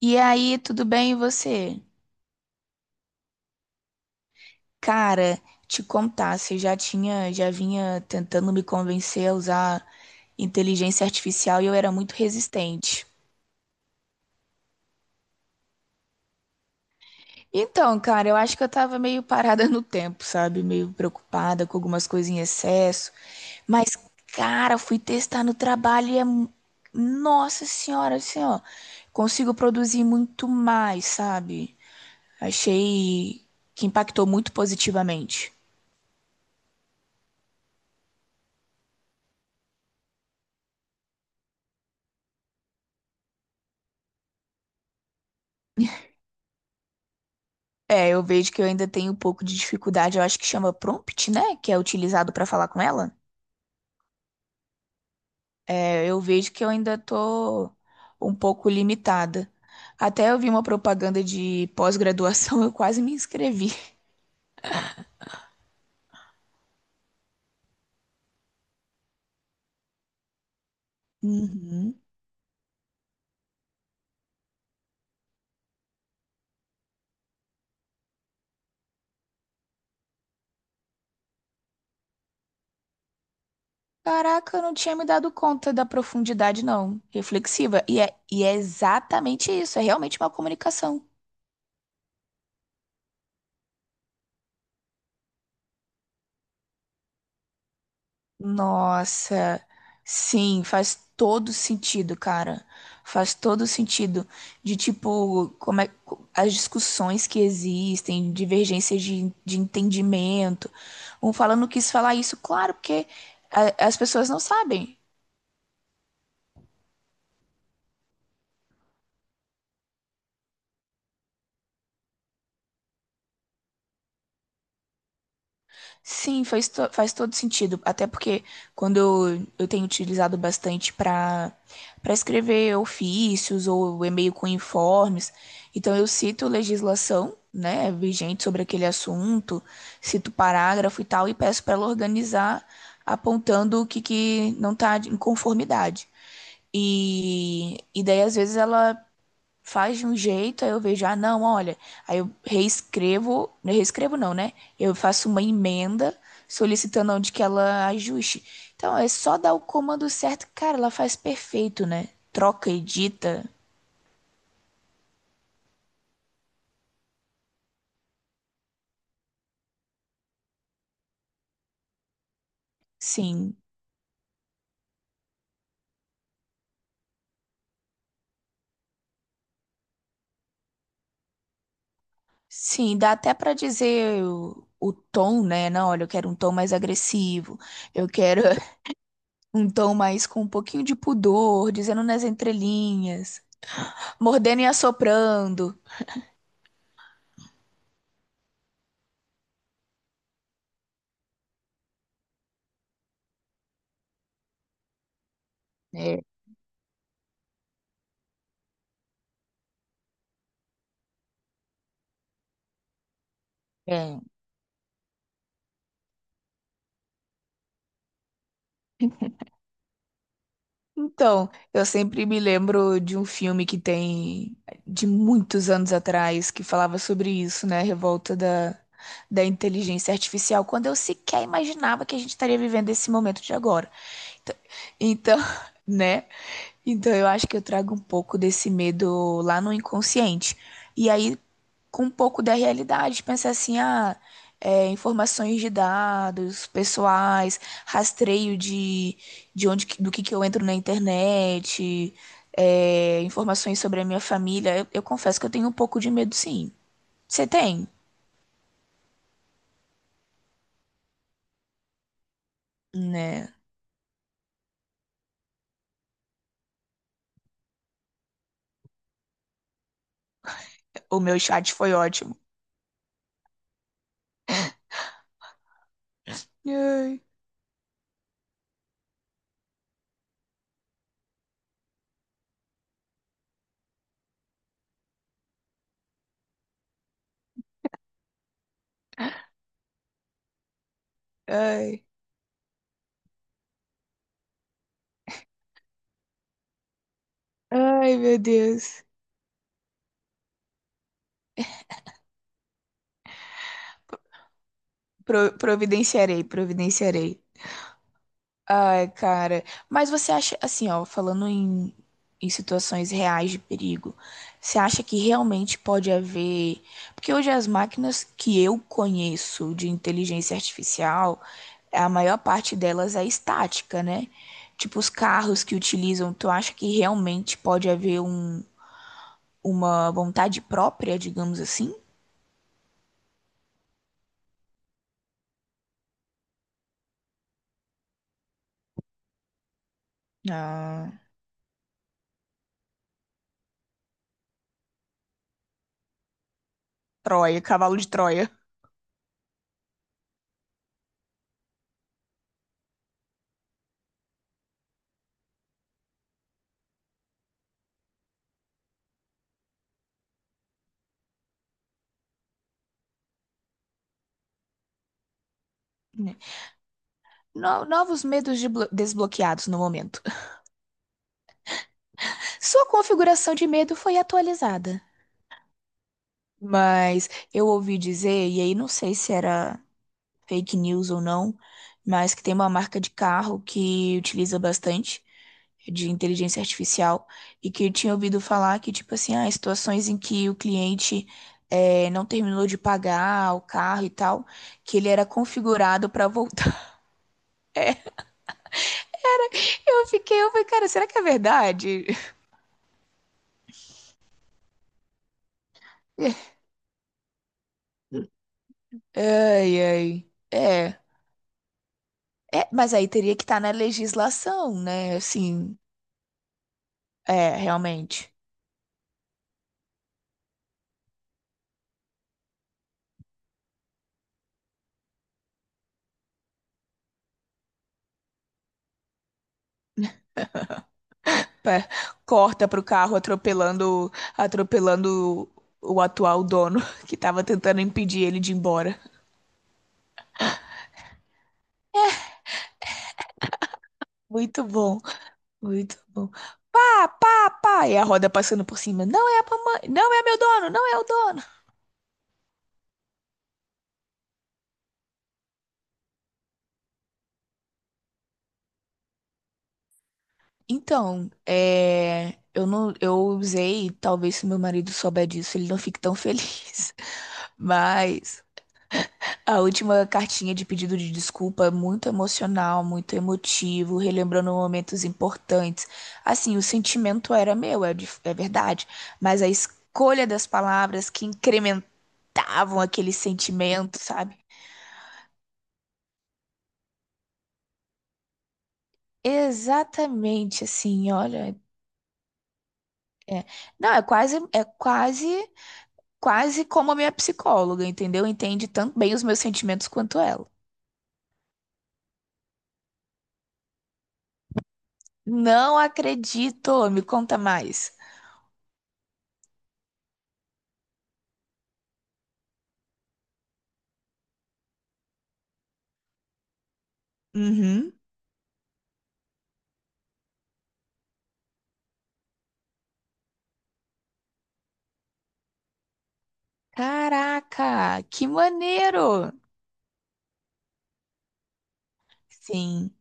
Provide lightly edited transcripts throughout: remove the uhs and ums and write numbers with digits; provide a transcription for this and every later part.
E aí, tudo bem e você? Cara, te contar, você já tinha, já vinha tentando me convencer a usar inteligência artificial e eu era muito resistente. Então, cara, eu acho que eu tava meio parada no tempo, sabe? Meio preocupada com algumas coisas em excesso. Mas, cara, fui testar no trabalho Nossa senhora, assim, ó. Consigo produzir muito mais, sabe? Achei que impactou muito positivamente. É, eu vejo que eu ainda tenho um pouco de dificuldade, eu acho que chama prompt, né? Que é utilizado para falar com ela. É, eu vejo que eu ainda tô um pouco limitada. Até eu vi uma propaganda de pós-graduação, eu quase me inscrevi. Uhum. Caraca, eu não tinha me dado conta da profundidade, não. Reflexiva. E é exatamente isso, é realmente uma comunicação. Nossa, sim, faz todo sentido, cara. Faz todo sentido de tipo, como é as discussões que existem, divergências de entendimento. Um falando quis falar isso, claro, porque as pessoas não sabem. Sim, faz todo sentido. Até porque quando eu tenho utilizado bastante para escrever ofícios ou e-mail com informes, então eu cito legislação, né, vigente sobre aquele assunto, cito parágrafo e tal, e peço para ela organizar apontando o que, que não está em conformidade. E daí, às vezes, ela faz de um jeito, aí eu vejo, ah, não, olha, aí eu reescrevo, não é reescrevo não, né? Eu faço uma emenda solicitando onde que ela ajuste. Então, é só dar o comando certo, cara, ela faz perfeito, né? Troca, edita, sim. Sim, dá até pra dizer o tom, né? Não, olha, eu quero um tom mais agressivo, eu quero um tom mais com um pouquinho de pudor, dizendo nas entrelinhas, mordendo e assoprando. É, é. Então, eu sempre me lembro de um filme que tem de muitos anos atrás que falava sobre isso, né? A Revolta da inteligência artificial, quando eu sequer imaginava que a gente estaria vivendo esse momento de agora. Então, então, né? Então eu acho que eu trago um pouco desse medo lá no inconsciente. E aí, com um pouco da realidade, pensar assim, ah, é, informações de dados pessoais, rastreio de onde, do que eu entro na internet, é, informações sobre a minha família. Eu confesso que eu tenho um pouco de medo, sim. Você tem, né? O meu chat foi ótimo. Ai, ai, ai, meu Deus. Providenciarei, providenciarei. Ai, cara. Mas você acha, assim, ó, falando em situações reais de perigo, você acha que realmente pode haver. Porque hoje as máquinas que eu conheço de inteligência artificial, a maior parte delas é estática, né? Tipo, os carros que utilizam, tu acha que realmente pode haver um, uma vontade própria, digamos assim? Ah, Troia, cavalo de Troia. Né? Novos medos de desbloqueados no momento. Sua configuração de medo foi atualizada. Mas eu ouvi dizer, e aí não sei se era fake news ou não, mas que tem uma marca de carro que utiliza bastante de inteligência artificial e que eu tinha ouvido falar que, tipo assim, ah, situações em que o cliente eh, não terminou de pagar o carro e tal, que ele era configurado para voltar. Eu fiquei, eu falei, cara, será que é verdade? Ai, ai. É, é, mas aí teria que estar na legislação, né? Assim, é, realmente. Pé, corta pro carro atropelando, atropelando o atual dono que tava tentando impedir ele de ir embora. Muito bom, muito bom. Pá, pá, pá, e a roda passando por cima. Não é a mamãe, não é meu dono, não é o dono. Então, é, eu não, eu usei, talvez se meu marido souber disso, ele não fique tão feliz. Mas a última cartinha de pedido de desculpa, é muito emocional, muito emotivo, relembrando momentos importantes. Assim, o sentimento era meu, é, é verdade, mas a escolha das palavras que incrementavam aquele sentimento, sabe? Exatamente, assim, olha, é, não, é quase, quase como a minha psicóloga, entendeu? Entende tanto bem os meus sentimentos quanto ela. Não acredito, me conta mais. Uhum. Caraca, que maneiro! Sim,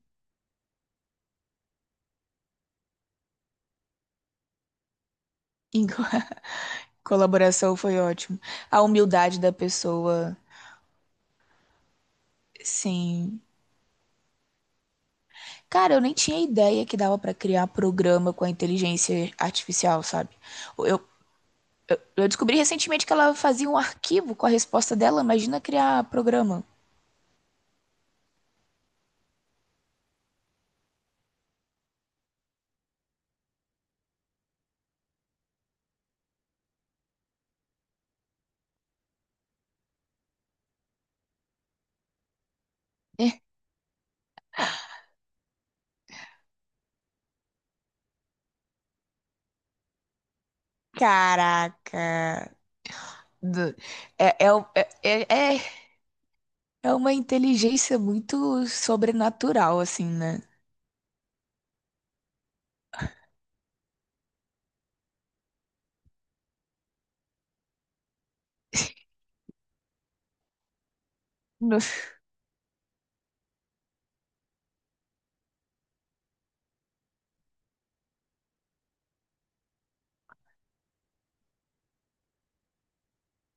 em co- colaboração foi ótimo. A humildade da pessoa, sim. Cara, eu nem tinha ideia que dava pra criar programa com a inteligência artificial, sabe? Eu, eu descobri recentemente que ela fazia um arquivo com a resposta dela. Imagina criar programa. Caraca. Do- É, é, o- é, é, é é uma inteligência muito sobrenatural, assim, né?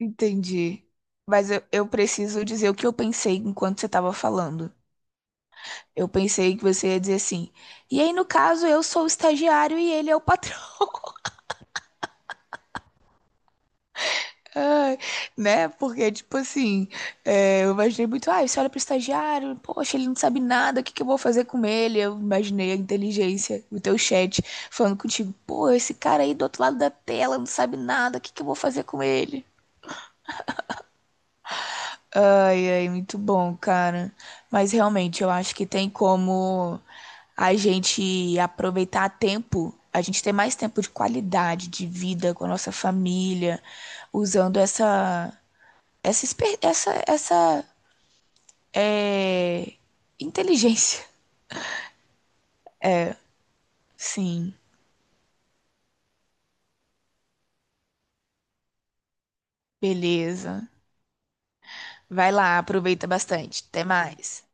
Entendi. Mas eu preciso dizer o que eu pensei enquanto você estava falando. Eu pensei que você ia dizer assim. E aí, no caso, eu sou o estagiário e ele é o patrão. Ai, né? Porque, tipo assim, é, eu imaginei muito, ah, você olha pro estagiário, poxa, ele não sabe nada, o que que eu vou fazer com ele? Eu imaginei a inteligência, o teu chat falando contigo, pô, esse cara aí do outro lado da tela não sabe nada, o que que eu vou fazer com ele? Ai, ai, muito bom, cara. Mas realmente, eu acho que tem como a gente aproveitar tempo, a gente ter mais tempo de qualidade de vida com a nossa família, usando essa é, inteligência. Sim, beleza. Vai lá, aproveita bastante. Até mais.